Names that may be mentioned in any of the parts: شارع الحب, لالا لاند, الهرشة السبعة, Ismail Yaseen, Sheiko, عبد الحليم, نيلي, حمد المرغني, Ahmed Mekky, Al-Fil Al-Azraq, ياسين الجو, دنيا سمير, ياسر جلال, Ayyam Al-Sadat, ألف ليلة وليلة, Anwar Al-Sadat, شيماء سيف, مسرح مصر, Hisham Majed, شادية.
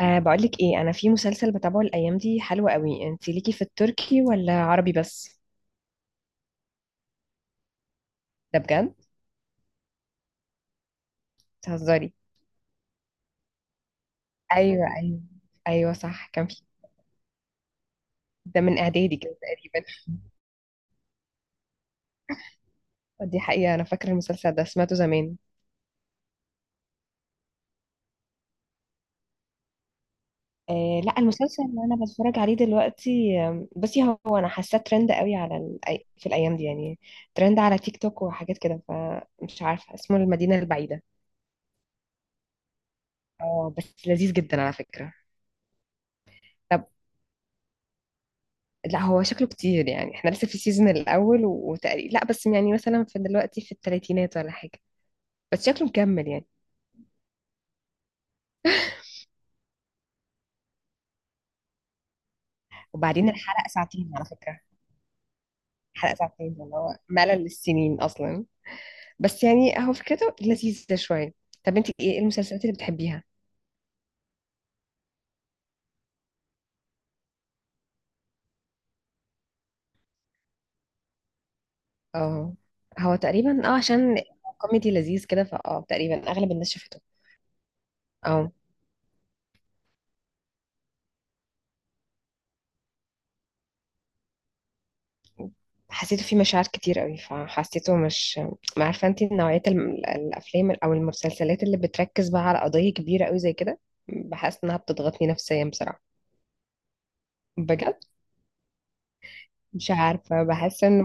بقولك ايه، انا في مسلسل بتابعه الايام دي حلو قوي. انت ليكي في التركي ولا عربي بس؟ ده بجد؟ تهزري؟ ايوه ايوه، ايوه صح كان في. ده من اعدادي كده تقريبا. آه، دي حقيقة، انا فاكرة المسلسل ده سمعته زمان. لا، المسلسل اللي انا بتفرج عليه دلوقتي، بصي هو انا حاساه ترند قوي على في الايام دي يعني. ترند على تيك توك وحاجات كده، فمش عارفة اسمه المدينة البعيدة. اه بس لذيذ جدا على فكرة. طب. لا هو شكله كتير يعني، احنا لسه في السيزون الاول، وتقريبا لا بس يعني مثلا في دلوقتي في الثلاثينات ولا حاجه. بس شكله مكمل يعني. وبعدين الحلقه ساعتين على فكره. حلقه ساعتين اللي هو ملل للسنين اصلا. بس يعني هو فكرته لذيذه شويه. طب انت ايه المسلسلات اللي بتحبيها؟ اه هو تقريبا عشان كوميدي لذيذ كده، فاه تقريبا اغلب الناس شافته. آه. حسيته فيه مشاعر كتير قوي فحسيته مش... ما عارفه انت نوعيه الافلام او المسلسلات اللي بتركز بقى على قضيه كبيره قوي زي كده؟ بحس انها بتضغطني نفسيا بصراحه. بجد مش عارفه بحس انه...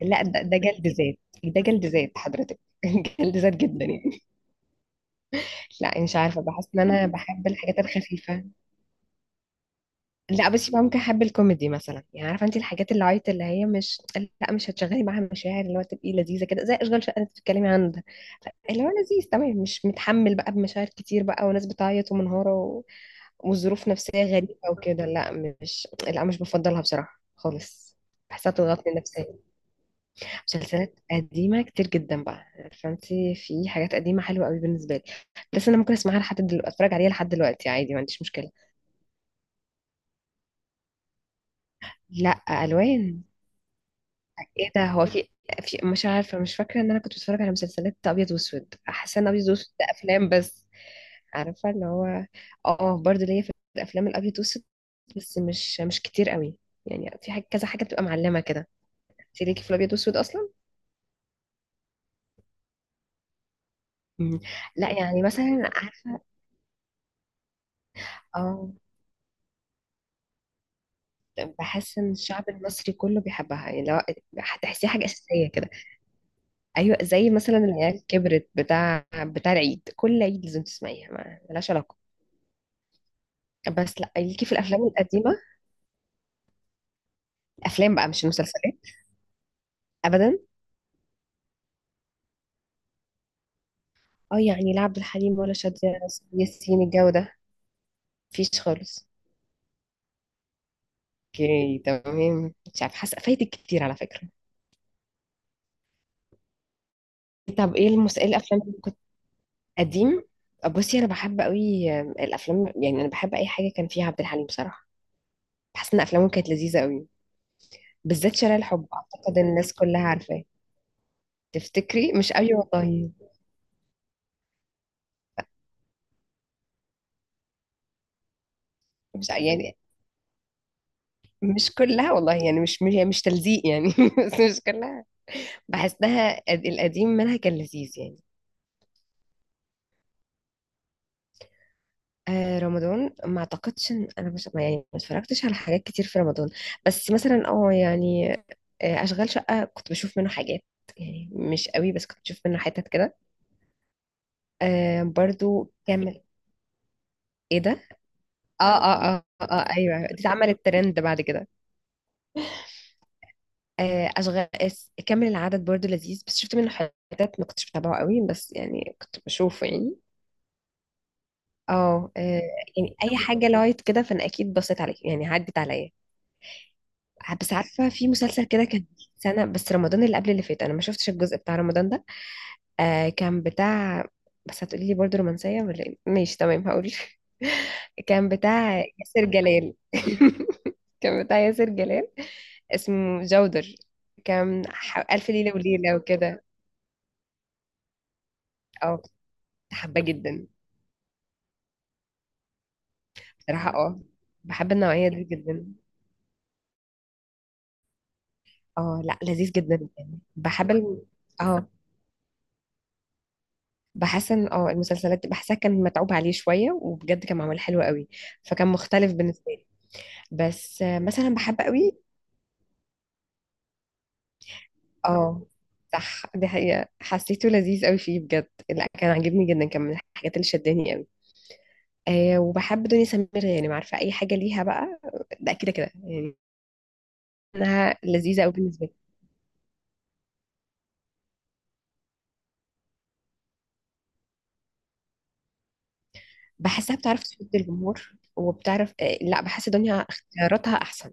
لا ده جلد ذات. ده جلد ذات حضرتك. جلد ذات جدا يعني. لا يعني مش عارفه بحس ان انا بحب الحاجات الخفيفه. لا بس يبقى ممكن احب الكوميدي مثلا يعني، عارفه انت الحاجات اللايت اللي هي مش... لا مش هتشغلي معاها مشاعر، اللي هو تبقي لذيذه كده زي اشغال شقه انت بتتكلمي عنها. اللي هو لذيذ تمام، مش متحمل بقى بمشاعر كتير بقى وناس بتعيط ومنهارة وظروف نفسية غريبة وكده، لا. مش لا، مش بفضلها بصراحة خالص. بحسها بتضغطني نفسيا. مسلسلات قديمة كتير جدا بقى. فانتي في حاجات قديمة حلوة قوي بالنسبة لي. بس انا ممكن اسمعها لحد دلوقتي، اتفرج عليها لحد دلوقتي عادي، ما عنديش مشكلة. لا الوان. ايه ده؟ هو في مش عارفة، مش فاكرة ان انا كنت بتفرج على مسلسلات ابيض واسود، احس ان ابيض واسود ده افلام بس. عارفه اللي هو... اه برضو ليا في الافلام الابيض والاسود، بس مش كتير قوي. يعني في حاجه كذا حاجه بتبقى معلمه كده. انت ليكي في الابيض والاسود اصلا؟ مم. لا يعني مثلا عارفه... اه بحس ان الشعب المصري كله بيحبها، يعني لو هتحسيها حاجه اساسيه كده. ايوه زي مثلا العيال كبرت، بتاع العيد، كل عيد لازم تسمعيها، ما ملهاش علاقه. بس لا ليكي في الافلام القديمه، افلام بقى مش المسلسلات. ابدا. اه يعني لا عبد الحليم ولا شادية ولا ياسين، الجو ده مفيش خالص. اوكي تمام، مش عارفه حاسه فايتك كتير على فكره. طب ايه إيه الافلام اللي كنت... قديم. بصي انا بحب قوي الافلام، يعني انا بحب اي حاجه كان فيها عبد الحليم بصراحه. بحس ان افلامه كانت لذيذه قوي. بالذات شارع الحب اعتقد إن الناس كلها عارفاه. تفتكري؟ مش قوي والله. مش يعني... مش كلها والله يعني، مش مش, يعني مش تلزيق يعني. بس مش كلها. بحسها القديم منها كان لذيذ يعني. آه رمضان، ما اعتقدش ان انا مش ما- يعني ما اتفرجتش على حاجات كتير في رمضان. بس مثلا يعني... آه اشغال شقة كنت بشوف منه حاجات. يعني مش قوي، بس كنت بشوف منه حتت كده. آه برضو كامل. ايه ده؟ ايوه، دي اتعملت ترند بعد كده. آه اشغال كامل العدد برضو لذيذ، بس شفت منه حتت ما كنتش بتابعه قوي، بس يعني كنت بشوفه يعني. اه آه، يعني اي حاجة لايت كده فانا اكيد بصيت عليك، يعني عدت عليا. بس عارفه، في مسلسل كده كان سنه بس، رمضان اللي قبل اللي فات انا ما شفتش الجزء بتاع رمضان ده. آه كان بتاع... بس هتقولي لي برضه رومانسيه ولا إيه؟ ماشي تمام هقول. كان بتاع ياسر جلال. كان بتاع ياسر جلال، اسمه جودر. ألف ليلة وليلة وكده. اه كنت حابة جدا. بصراحة بحب النوعية دي جدا. اه لا لذيذ جدا يعني، بحب اه بحس ان المسلسلات دي بحسها كان متعوب عليه شويه، وبجد كان معمول حلو قوي. فكان مختلف بالنسبه لي. بس مثلا بحب قوي. اه صح دي حقيقه، حسيته لذيذ قوي فيه بجد، لا كان عاجبني جدا، كان من الحاجات اللي شداني قوي. آه وبحب دنيا سمير يعني، عارفه اي حاجه ليها بقى. ده كده كده يعني انها لذيذه قوي بالنسبه لي. بحسها بتعرف تشد الجمهور وبتعرف لا بحس دنيا اختياراتها احسن.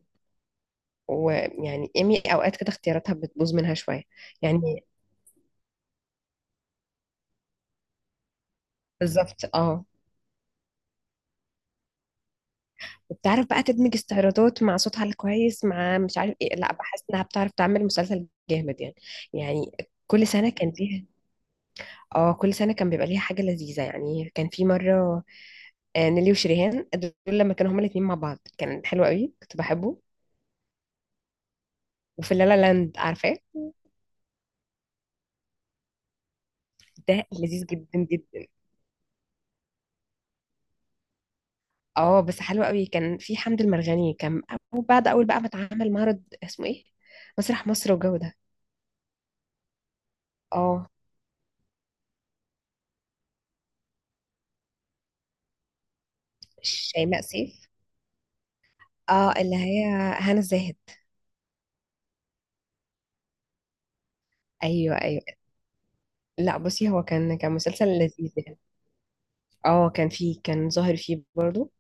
ويعني ايمي اوقات كده اختياراتها بتبوظ منها شويه. يعني بالظبط وبتعرف بقى تدمج استعراضات مع صوتها الكويس مع مش عارف ايه، لا بحس انها بتعرف تعمل مسلسل جامد يعني. يعني... كل سنة كان فيها. اه كل سنة كان بيبقى ليها حاجة لذيذة يعني، كان في مرة نيلي وشريهان دول لما كانوا هما الاتنين مع بعض كان حلو قوي، كنت بحبه. وفي لالا لاند عارفاه؟ ده لذيذ جدا جدا. اه بس حلو قوي، كان في حمد المرغني كان. وبعد اول بقى ما اتعمل معرض اسمه ايه، مسرح مصر والجو ده. اه شيماء سيف. اه اللي هي... هنا الزاهد. ايوه ايوه. لا بصي هو كان مسلسل لذيذ يعني. اه كان فيه، كان ظاهر فيه برضو.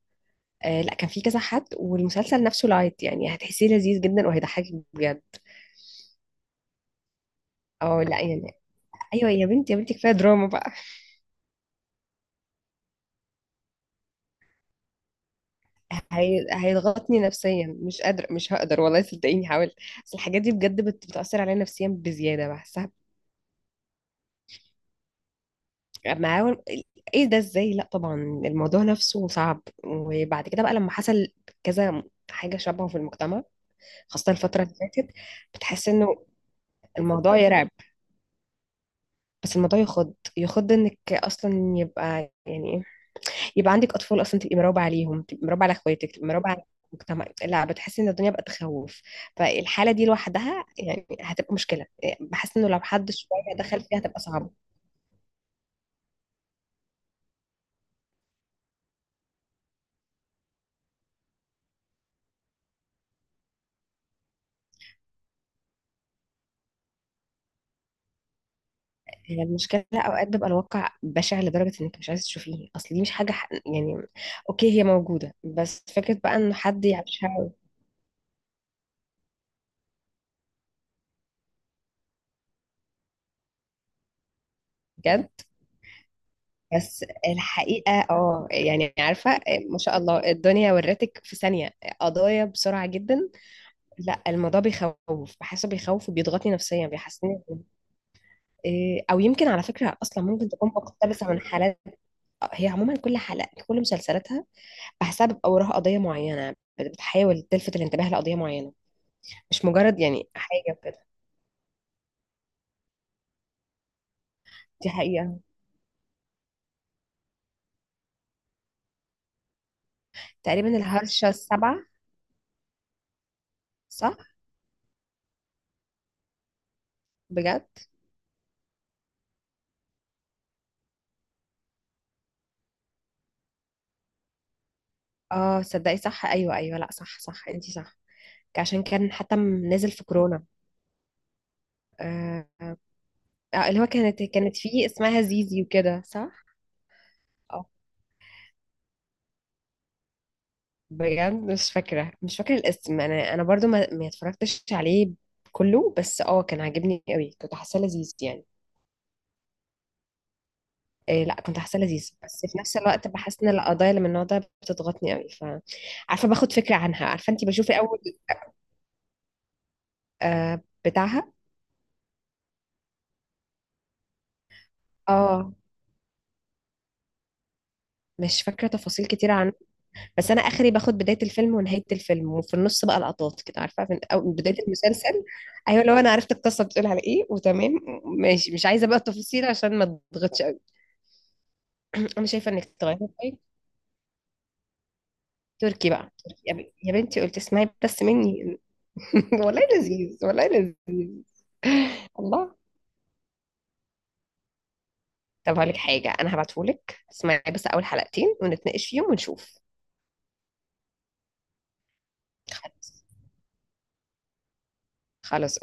آه لا كان فيه كذا حد، والمسلسل نفسه لايت يعني هتحسيه لذيذ جدا وهيضحكك بجد. اه لا يعني ايوه، يا بنتي يا بنتي كفايه دراما بقى. هيضغطني نفسيا، مش قادره، مش هقدر والله، صدقيني حاولت. بس الحاجات دي بجد بتاثر عليا نفسيا بزياده بحسها. اما اول... ايه ده ازاي؟ لا طبعا، الموضوع نفسه صعب، وبعد كده بقى لما حصل كذا حاجه شبهه في المجتمع، خاصة الفترة اللي فاتت. بتحس انه... الموضوع يرعب. بس الموضوع يخض، يخض انك اصلا يبقى يعني ايه، يبقى عندك اطفال اصلا، تبقي مراقبة عليهم، تبقي مراقبة على اخواتك، تبقي مراقبة على المجتمع. لا بتحسي ان الدنيا بقت تخوف. فالحالة دي لوحدها يعني هتبقى مشكلة، إيه، بحس انه لو حد شوية دخل فيها هتبقى صعبة. هي المشكلة اوقات بيبقى الواقع بشع لدرجة انك مش عايزة تشوفيه، اصل دي مش حاجة يعني اوكي هي موجودة، بس فكرة بقى انه حد يعيشها. بجد. بس الحقيقة يعني عارفة، ما شاء الله الدنيا ورتك في ثانية قضايا بسرعة جدا. لا الموضوع بيخوف، بحسه بيخوف وبيضغطني نفسيا، بيحسسني إيه، او يمكن على فكرة اصلا ممكن تكون مقتبسة من حالات. هي عموما كل حلقة، كل مسلسلاتها بحسها بيبقى وراها قضية معينة، بتحاول تلفت الانتباه لقضية معينة، مش مجرد يعني حاجة كده. دي حقيقة. تقريبا الهرشة السبعة. صح. بجد. اه صدقي صح، ايوه ايوه لا صح صح انتي صح. عشان كان حتى نازل في كورونا. آه. آه، اللي هو كانت فيه اسمها زيزي وكده صح؟ اه. بجد مش فاكرة الاسم، انا برضو ما اتفرجتش عليه كله. بس كان عاجبني قوي، كنت حاسة لذيذ يعني. إيه لا كنت حاسة لذيذ، بس في نفس الوقت بحس ان القضايا اللي من النوع ده بتضغطني قوي، ف... عارفة باخد فكرة عنها، عارفة انتي، بشوف الاول. آه بتاعها. اه مش فاكرة تفاصيل كتير عن... بس انا اخري باخد بدايه الفيلم ونهايه الفيلم، وفي النص بقى لقطات كده، عارفه من بدايه المسلسل. ايوه لو انا عرفت القصه بتقول على ايه وتمام ماشي، مش عايزه بقى التفاصيل عشان ما تضغطش قوي. انا شايفه انك تغيري، طيب. تركي بقى تركي. يا بنتي يا بنتي قلت اسمعي بس مني. والله لذيذ والله لذيذ. الله. طب هقول لك حاجه، انا هبعتهولك، اسمعي بس اول حلقتين ونتناقش فيهم ونشوف. خلاص. خلاص.